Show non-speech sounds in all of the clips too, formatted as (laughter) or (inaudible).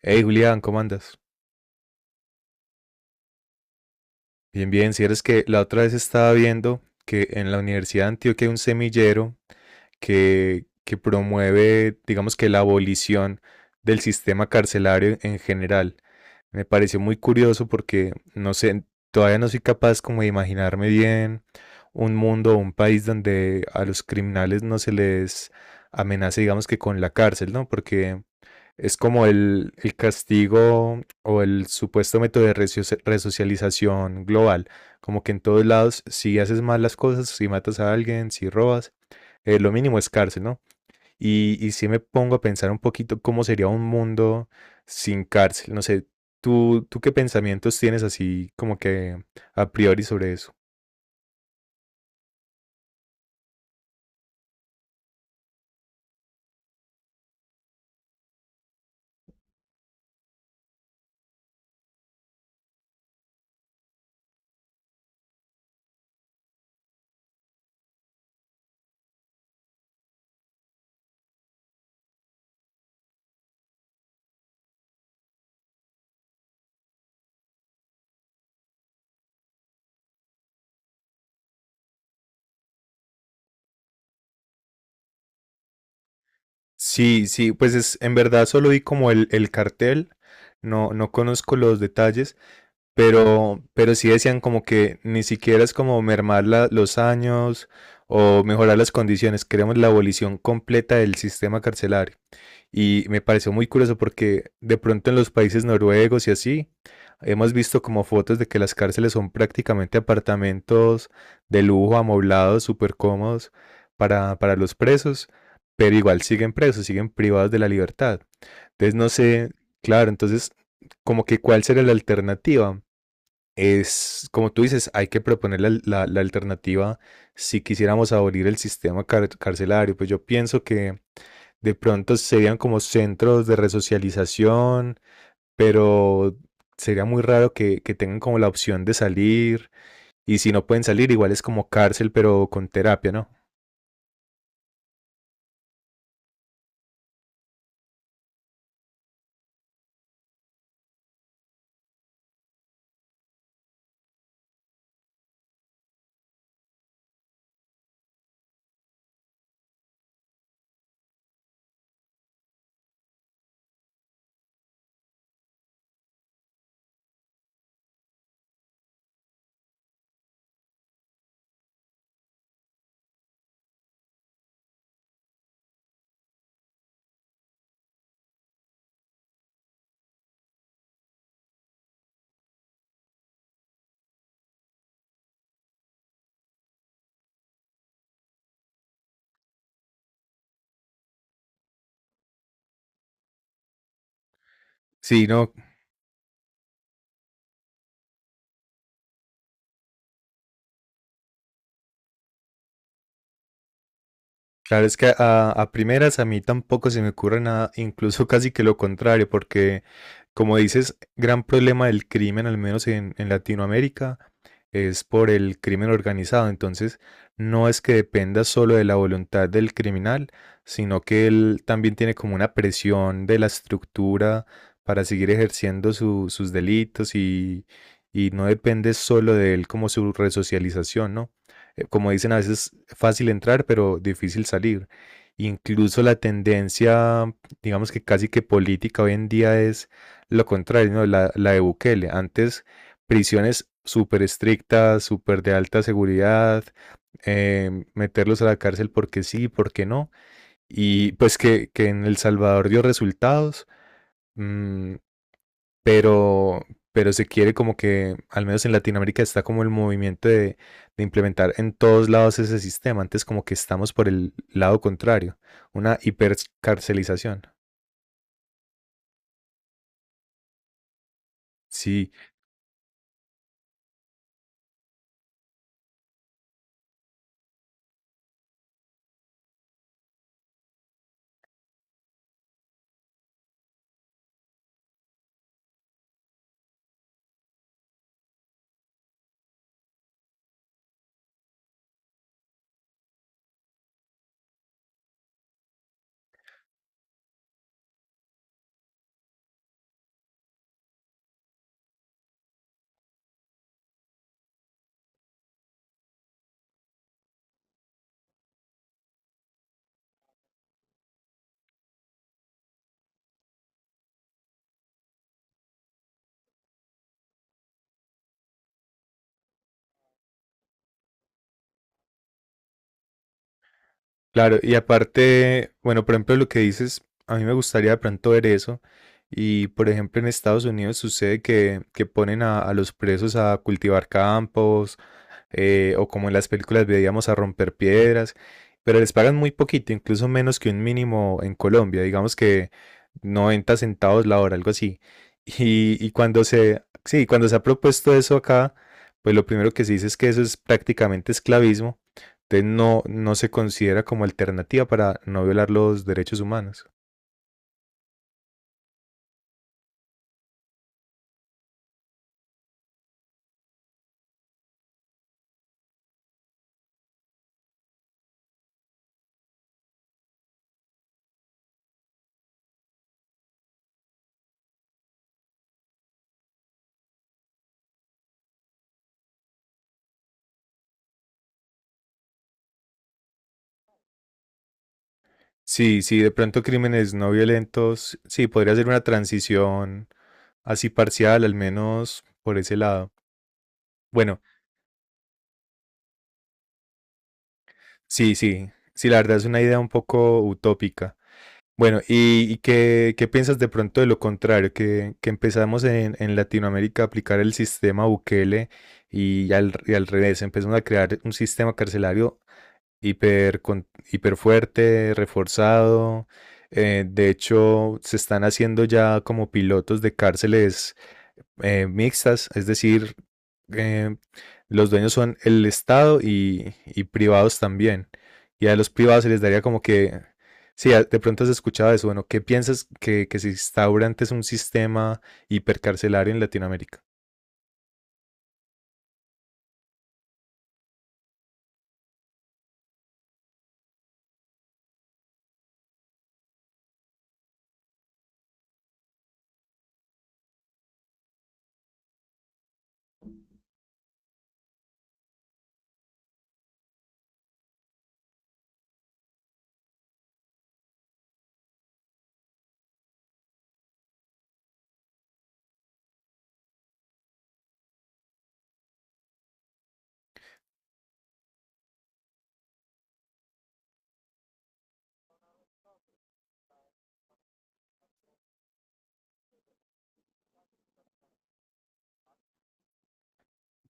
Hey Julián, ¿cómo andas? Bien, bien, si eres que la otra vez estaba viendo que en la Universidad de Antioquia hay un semillero que promueve, digamos que la abolición del sistema carcelario en general. Me pareció muy curioso porque no sé, todavía no soy capaz como de imaginarme bien un mundo o un país donde a los criminales no se les amenace, digamos que con la cárcel, ¿no? Porque es como el castigo o el supuesto método de resocialización global. Como que en todos lados, si haces mal las cosas, si matas a alguien, si robas, lo mínimo es cárcel, ¿no? Y si me pongo a pensar un poquito cómo sería un mundo sin cárcel. No sé, ¿tú qué pensamientos tienes así como que a priori sobre eso? Sí, sí, pues es, en verdad solo vi como el cartel, no, no conozco los detalles. Pero sí decían como que ni siquiera es como mermar los años o mejorar las condiciones, queremos la abolición completa del sistema carcelario. Y me pareció muy curioso porque de pronto en los países noruegos y así, hemos visto como fotos de que las cárceles son prácticamente apartamentos de lujo, amoblados, súper cómodos para los presos, pero igual siguen presos, siguen privados de la libertad. Entonces no sé, claro, entonces como que cuál será la alternativa. Es, como tú dices, hay que proponer la alternativa si quisiéramos abolir el sistema carcelario. Pues yo pienso que de pronto serían como centros de resocialización, pero sería muy raro que tengan como la opción de salir. Y si no pueden salir, igual es como cárcel, pero con terapia, ¿no? Sí, no. Claro, es que a primeras a mí tampoco se me ocurre nada, incluso (laughs) casi que lo contrario, porque como dices, gran problema del crimen, al menos en Latinoamérica, es por el crimen organizado. Entonces, no es que dependa solo de la voluntad del criminal, sino que él también tiene como una presión de la estructura para seguir ejerciendo sus delitos y no depende solo de él como su resocialización, ¿no? Como dicen, a veces fácil entrar, pero difícil salir. Incluso la tendencia, digamos que casi que política hoy en día es lo contrario, ¿no? La de Bukele. Antes, prisiones súper estrictas, súper de alta seguridad, meterlos a la cárcel porque sí, porque no. Y pues que en El Salvador dio resultados. Mm, pero, pero se quiere como que, al menos en Latinoamérica, está como el movimiento de implementar en todos lados ese sistema. Antes como que estamos por el lado contrario, una hipercarcelización. Sí, claro, y aparte, bueno, por ejemplo, lo que dices, a mí me gustaría de pronto ver eso. Y por ejemplo, en Estados Unidos sucede que ponen a los presos a cultivar campos, o como en las películas veíamos a romper piedras, pero les pagan muy poquito, incluso menos que un mínimo en Colombia, digamos que 90 centavos la hora, algo así. Y cuando se ha propuesto eso acá, pues lo primero que se dice es que eso es prácticamente esclavismo, entonces no, no se considera como alternativa para no violar los derechos humanos. Sí, sí, de pronto crímenes no violentos, sí, podría ser una transición así parcial, al menos por ese lado. Bueno, sí, sí, sí, la verdad es una idea un poco utópica. Bueno, ¿y qué piensas de pronto de lo contrario? Que empezamos en Latinoamérica a aplicar el sistema Bukele y al revés, empezamos a crear un sistema carcelario hiper, hiper fuerte, reforzado. De hecho, se están haciendo ya como pilotos de cárceles mixtas, es decir, eh, los dueños son el Estado y privados también. Y a los privados se les daría como que, sí, de pronto has escuchado eso, bueno, ¿qué piensas que se instaura antes un sistema hipercarcelario en Latinoamérica?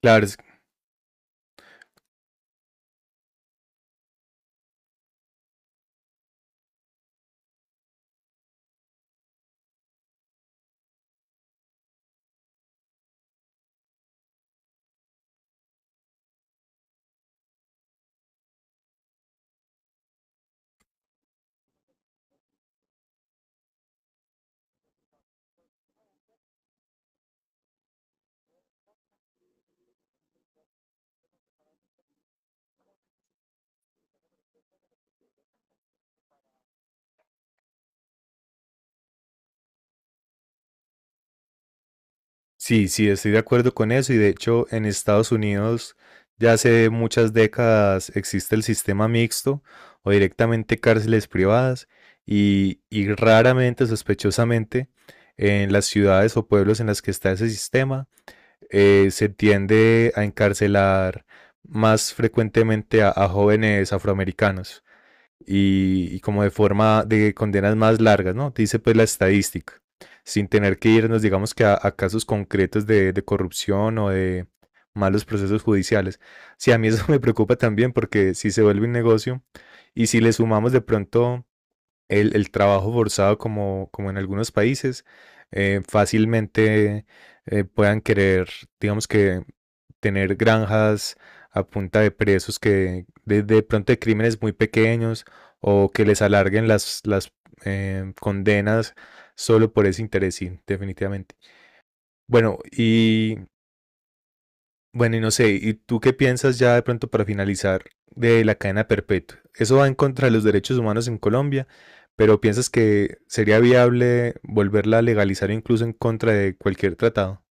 Claro, es. Sí, sí, estoy de acuerdo con eso y de hecho en Estados Unidos ya hace muchas décadas existe el sistema mixto o directamente cárceles privadas y raramente, sospechosamente, en las ciudades o pueblos en las que está ese sistema, se tiende a encarcelar más frecuentemente a jóvenes afroamericanos y como de forma de condenas más largas, ¿no? Dice pues la estadística, sin tener que irnos, digamos que a casos concretos de corrupción o de malos procesos judiciales. Sí, a mí eso (laughs) me preocupa también porque si se vuelve un negocio y si le sumamos de pronto el trabajo forzado como en algunos países, fácilmente puedan querer, digamos que tener granjas a punta de presos que de pronto de crímenes muy pequeños o que les alarguen las condenas solo por ese interés, sí, definitivamente. Bueno, y bueno, y no sé, ¿y, tú qué piensas ya de pronto para finalizar de la cadena perpetua? Eso va en contra de los derechos humanos en Colombia, pero ¿piensas que sería viable volverla a legalizar incluso en contra de cualquier tratado?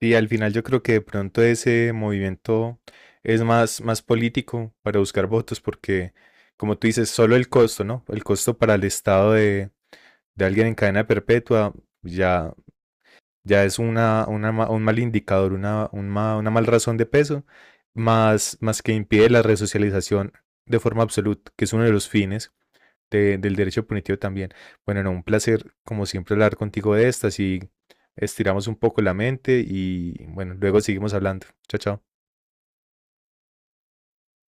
Y al final yo creo que de pronto ese movimiento es más, más político para buscar votos, porque como tú dices, solo el costo, ¿no? El costo para el Estado de alguien en cadena perpetua ya, ya es una, un mal indicador, una mal razón de peso, más, más que impide la resocialización de forma absoluta, que es uno de los fines del derecho punitivo también. Bueno, no, un placer, como siempre, hablar contigo de estas y estiramos un poco la mente y bueno, luego seguimos hablando. Chao, chao.